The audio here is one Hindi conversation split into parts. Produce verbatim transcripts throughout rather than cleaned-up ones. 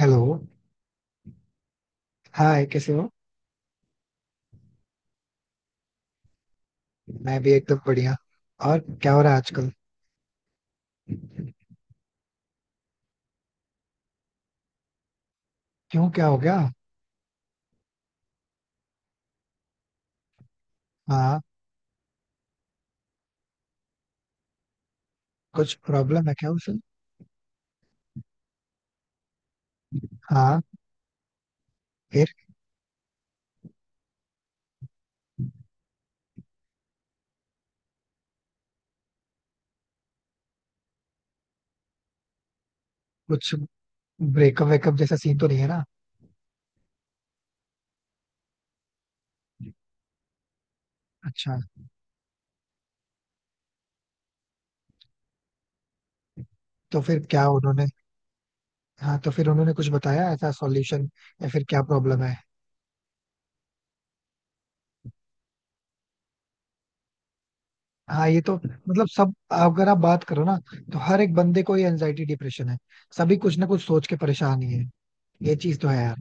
हेलो. हाय, कैसे हो? मैं भी एकदम बढ़िया. और क्या हो रहा है आजकल? क्यों, क्या हो गया? हाँ. कुछ प्रॉब्लम है क्या उसे? हाँ. फिर कुछ ब्रेकअप वेकअप जैसा सीन तो नहीं है ना? अच्छा. तो फिर क्या उन्होंने. हाँ, तो फिर उन्होंने कुछ बताया ऐसा सॉल्यूशन, या फिर क्या प्रॉब्लम है? हाँ, ये तो मतलब सब, अगर आप बात करो ना, तो हर एक बंदे को ये एंजाइटी डिप्रेशन है. सभी कुछ ना कुछ सोच के परेशान ही है. ये चीज तो है यार.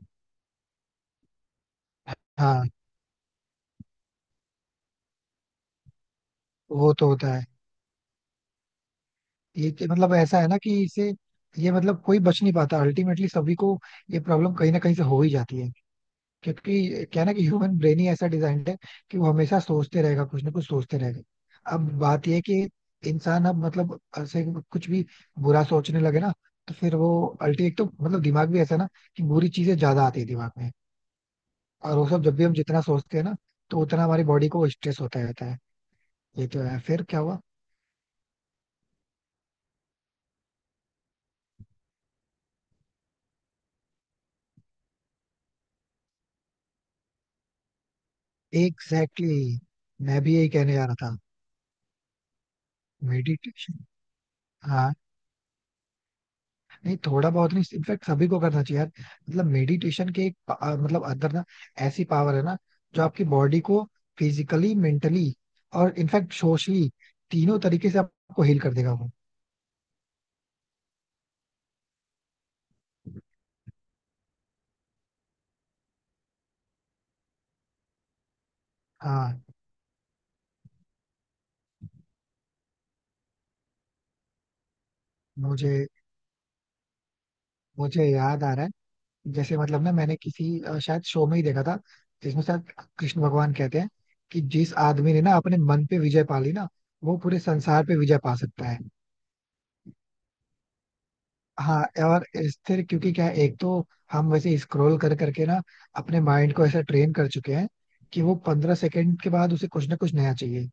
हाँ, वो तो होता है. ये कि- मतलब ऐसा है ना कि इसे, ये मतलब कोई बच नहीं पाता अल्टीमेटली, सभी को ये प्रॉब्लम कहीं ना कहीं से हो ही जाती है. क्योंकि क्या है ना, कि ह्यूमन ब्रेन ही ऐसा डिजाइंड है कि वो हमेशा सोचते रहेगा, कुछ ना कुछ सोचते रहेगा. अब बात ये है कि इंसान अब मतलब ऐसे कुछ भी बुरा सोचने लगे ना, तो फिर वो अल्टीमेट, तो मतलब दिमाग भी ऐसा है ना कि बुरी चीजें ज्यादा आती है दिमाग में. और वो सब जब भी हम जितना सोचते हैं ना, तो उतना हमारी बॉडी को स्ट्रेस होता रहता है. ये तो है, फिर क्या हुआ? एग्जैक्टली exactly, मैं भी यही कहने जा रहा था. मेडिटेशन. हाँ, नहीं थोड़ा बहुत नहीं, इनफैक्ट सभी को करना चाहिए यार. मतलब मेडिटेशन के एक पा- अ, मतलब अंदर ना, ऐसी पावर है ना जो आपकी बॉडी को फिजिकली, मेंटली और इनफैक्ट सोशली, तीनों तरीके से आपको हील कर देगा वो. हाँ. मुझे मुझे याद आ रहा है, जैसे मतलब ना मैंने किसी अ, शायद शो में ही देखा था, जिसमें शायद कृष्ण भगवान कहते हैं कि जिस आदमी ने ना अपने मन पे विजय पा ली ना, वो पूरे संसार पे विजय पा सकता है. हाँ, और स्थिर, क्योंकि क्या है, एक तो हम वैसे स्क्रॉल कर करके ना अपने माइंड को ऐसा ट्रेन कर चुके हैं कि वो पंद्रह सेकंड के बाद उसे कुछ ना कुछ नया चाहिए.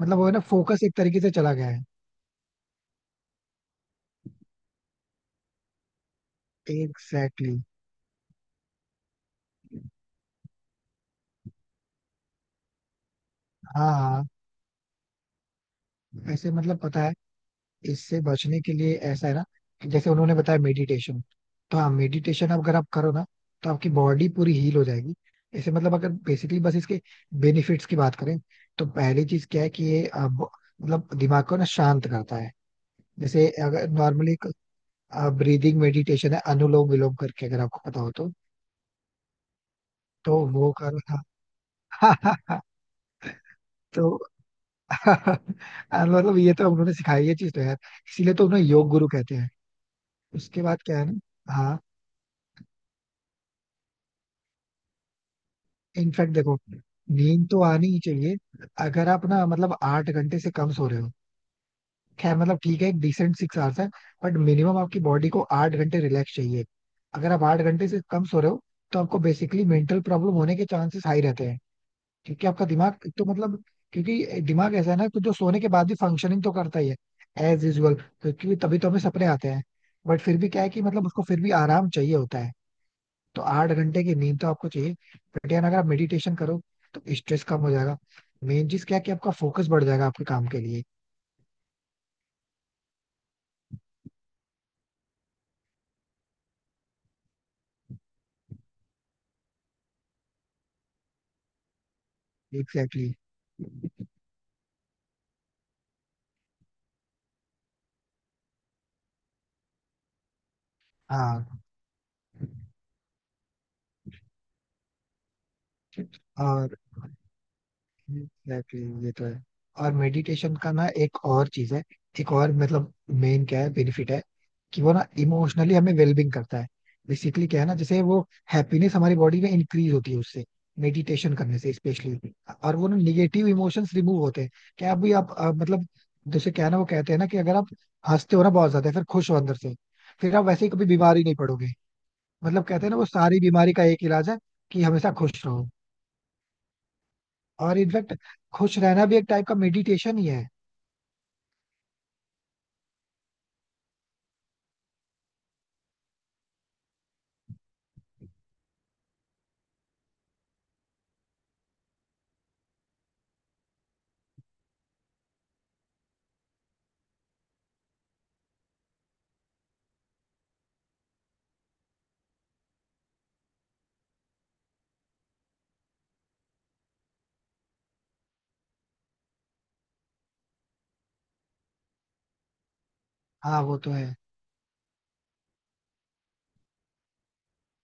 मतलब वो है ना, फोकस एक तरीके से चला गया है. Exactly exactly. हाँ, हाँ. वैसे मतलब पता है, इससे बचने के लिए ऐसा है ना, कि जैसे उन्होंने बताया मेडिटेशन, तो हाँ, मेडिटेशन अगर आप करो ना, तो आपकी बॉडी पूरी हील हो जाएगी. ऐसे मतलब अगर बेसिकली बस इसके बेनिफिट्स की बात करें, तो पहली चीज क्या है कि ये अ, ब- मतलब दिमाग को ना शांत करता है. जैसे अगर नॉर्मली ब्रीदिंग मेडिटेशन है, अनुलोम विलोम करके, अगर आपको पता हो तो. तो वो करो. हाँ. तो आ, मतलब ये तो उन्होंने सिखाई, ये चीज तो यार इसीलिए तो उन्हें योग गुरु कहते हैं. उसके बाद क्या है ना. हाँ, इनफैक्ट देखो, नींद तो आनी ही चाहिए. अगर आप ना मतलब आठ घंटे से कम सो रहे हो, खैर मतलब ठीक है, एक डिसेंट सिक्स आवर्स है, बट मिनिमम आपकी बॉडी को आठ घंटे रिलैक्स चाहिए. अगर आप आठ घंटे से कम सो रहे हो, तो आपको बेसिकली मेंटल प्रॉब्लम होने के चांसेस हाई रहते हैं. क्योंकि आपका दिमाग एक तो मतलब, क्योंकि दिमाग ऐसा है ना कि जो सोने के बाद भी फंक्शनिंग तो करता ही है, एज यूजल, क्योंकि तभी तो हमें सपने आते हैं. बट फिर भी क्या है कि मतलब उसको फिर भी आराम चाहिए होता है. तो आठ घंटे की नींद तो आपको चाहिए. बट यार अगर आप मेडिटेशन करो, तो स्ट्रेस कम हो जाएगा. मेन चीज क्या है कि आपका फोकस बढ़ जाएगा आपके काम के लिए. Exactly exactly. हाँ. और एग्जैक्टली ये तो है. और मेडिटेशन का ना एक और चीज है, एक और मतलब मेन क्या है बेनिफिट है, कि वो ना इमोशनली हमें वेलबिंग करता है. बेसिकली क्या है ना, जैसे वो हैप्पीनेस हमारी बॉडी में इंक्रीज होती है उससे, मेडिटेशन करने से स्पेशली. और वो ना निगेटिव इमोशंस रिमूव होते हैं. क्या अभी आप अ, मतलब जैसे क्या है ना वो कहते हैं ना कि अगर आप हंसते हो ना बहुत ज्यादा, फिर खुश हो अंदर से, फिर आप वैसे ही कभी बीमारी नहीं पड़ोगे. मतलब कहते हैं ना, वो सारी बीमारी का एक इलाज है कि हमेशा खुश रहो. और इनफैक्ट खुश रहना भी एक टाइप का मेडिटेशन ही है. हाँ, वो तो है.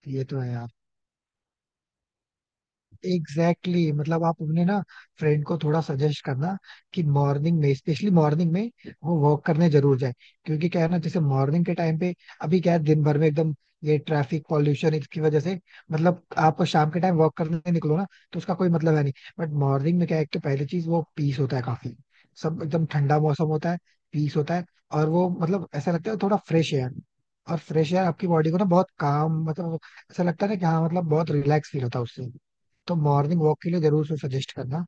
ये तो है यार. Exactly exactly. मतलब आप अपने ना फ्रेंड को थोड़ा सजेस्ट करना कि मॉर्निंग में, स्पेशली मॉर्निंग में वो वॉक करने जरूर जाए. क्योंकि क्या है ना, जैसे मॉर्निंग के टाइम पे, अभी क्या है दिन भर में एकदम ये ट्रैफिक पॉल्यूशन, इसकी वजह से मतलब आप शाम के टाइम वॉक करने निकलो ना, तो उसका कोई मतलब है नहीं. बट मॉर्निंग में क्या है, एक तो पहली चीज वो पीस होता है काफी, सब एकदम ठंडा मौसम होता है, पीस होता है. और वो मतलब ऐसा लगता है, थोड़ा फ्रेश एयर, और फ्रेश एयर आपकी बॉडी को ना बहुत काम, मतलब ऐसा लगता है ना कि हाँ, मतलब बहुत रिलैक्स फील होता है उससे. तो मॉर्निंग वॉक के लिए जरूर से सजेस्ट करना.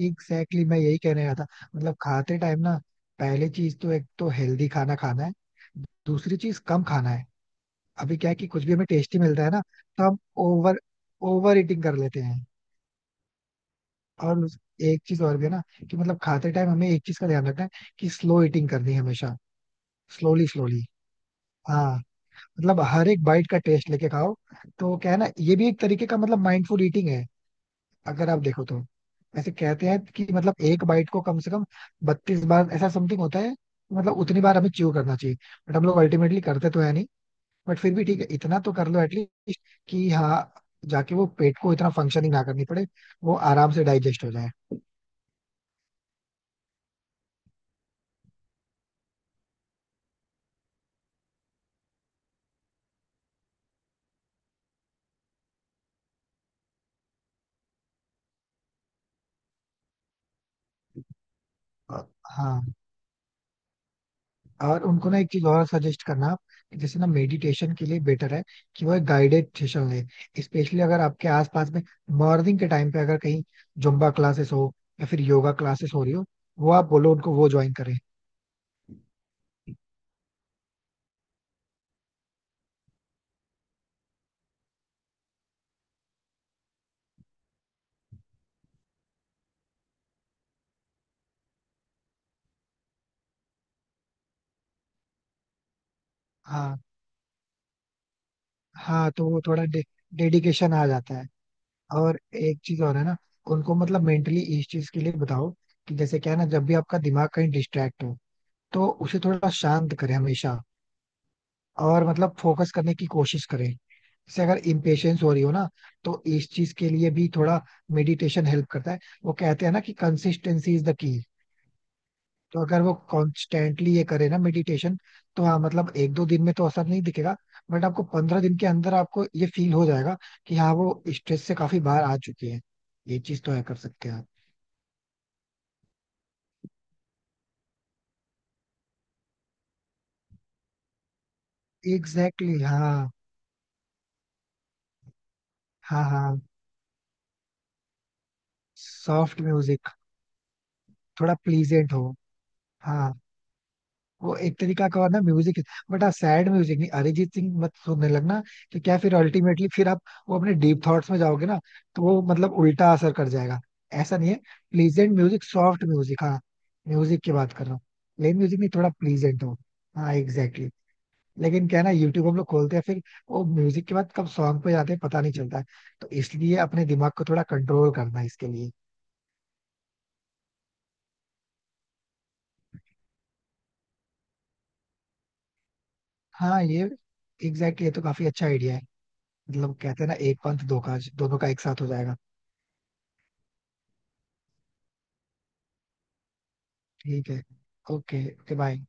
एग्जैक्टली exactly, मैं यही कहने आया था. मतलब खाते टाइम ना, पहली चीज तो एक तो हेल्दी खाना खाना है, दूसरी चीज कम खाना है. अभी क्या है कि कुछ भी हमें टेस्टी मिलता है ना, तो हम ओवर ओवर ईटिंग कर लेते हैं. और उस- एक चीज और भी है ना कि मतलब खाते टाइम हमें एक चीज का ध्यान रखना है कि स्लो ईटिंग करनी है हमेशा. Slowly slowly. हाँ, मतलब हर एक बाइट का टेस्ट लेके खाओ. तो क्या है ना, ये भी एक तरीके का मतलब माइंडफुल ईटिंग है. अगर आप देखो तो, ऐसे कहते हैं कि मतलब एक बाइट को कम से कम बत्तीस बार, ऐसा समथिंग होता है, मतलब उतनी बार हमें च्यू करना चाहिए. बट हम लोग अल्टीमेटली करते तो है नहीं, बट फिर भी ठीक है, इतना तो कर लो एटलीस्ट, कि हाँ जाके वो पेट को इतना फंक्शनिंग ना करनी पड़े, वो आराम से डाइजेस्ट हो जाए. अ, हाँ. और उनको ना एक चीज और सजेस्ट करना आप, कि जैसे ना मेडिटेशन के लिए बेटर है कि वह गाइडेड सेशन ले. स्पेशली अगर आपके आसपास में मॉर्निंग के टाइम पे अगर कहीं जुम्बा क्लासेस हो, या फिर योगा क्लासेस हो रही हो, वो आप बोलो उनको वो ज्वाइन करें. हाँ. हाँ, तो वो थोड़ा डे, डेडिकेशन आ जाता है. और एक चीज और है ना, उनको मतलब मेंटली इस चीज के लिए बताओ कि जैसे क्या है ना, जब भी आपका दिमाग कहीं डिस्ट्रैक्ट हो, तो उसे थोड़ा शांत करें हमेशा, और मतलब फोकस करने की कोशिश करें. जैसे अगर इम्पेशेंस हो रही हो ना, तो इस चीज के लिए भी थोड़ा मेडिटेशन हेल्प करता है. वो कहते हैं ना कि कंसिस्टेंसी इज द की. तो अगर वो कॉन्स्टेंटली ये करे ना मेडिटेशन, तो हाँ मतलब एक दो दिन में तो असर नहीं दिखेगा, बट आपको पंद्रह दिन के अंदर आपको ये फील हो जाएगा कि हाँ, वो स्ट्रेस से काफी बाहर आ चुके हैं. ये चीज तो है, कर सकते हैं आप. एग्जैक्टली exactly, हाँ. हाँ, हाँ. Soft music. थोड़ा प्लीजेंट हो. हाँ. वो एक तरीका का और ना म्यूजिक. बट हाँ सैड म्यूजिक नहीं, अरिजीत सिंह मत सुनने लगना, तो क्या फिर अल्टीमेटली फिर आप वो अपने डीप थॉट्स में जाओगे ना, तो वो मतलब उल्टा असर कर जाएगा. ऐसा नहीं है. Pleasant music, soft music. हाँ. म्यूजिक की बात कर रहा हूँ. प्लेन म्यूजिक नहीं, थोड़ा प्लीजेंट हो. हाँ एग्जैक्टली exactly. लेकिन क्या है ना, यूट्यूब हम लोग खोलते हैं फिर, वो म्यूजिक के बाद कब सॉन्ग पे जाते हैं पता नहीं चलता है. तो इसलिए अपने दिमाग को थोड़ा कंट्रोल करना है इसके लिए. हाँ, ये एग्जैक्टली exactly, ये तो काफी अच्छा आइडिया है. मतलब कहते हैं ना, एक पंथ दो काज, दोनों का एक साथ हो जाएगा. ठीक है. ओके. Okay, bye.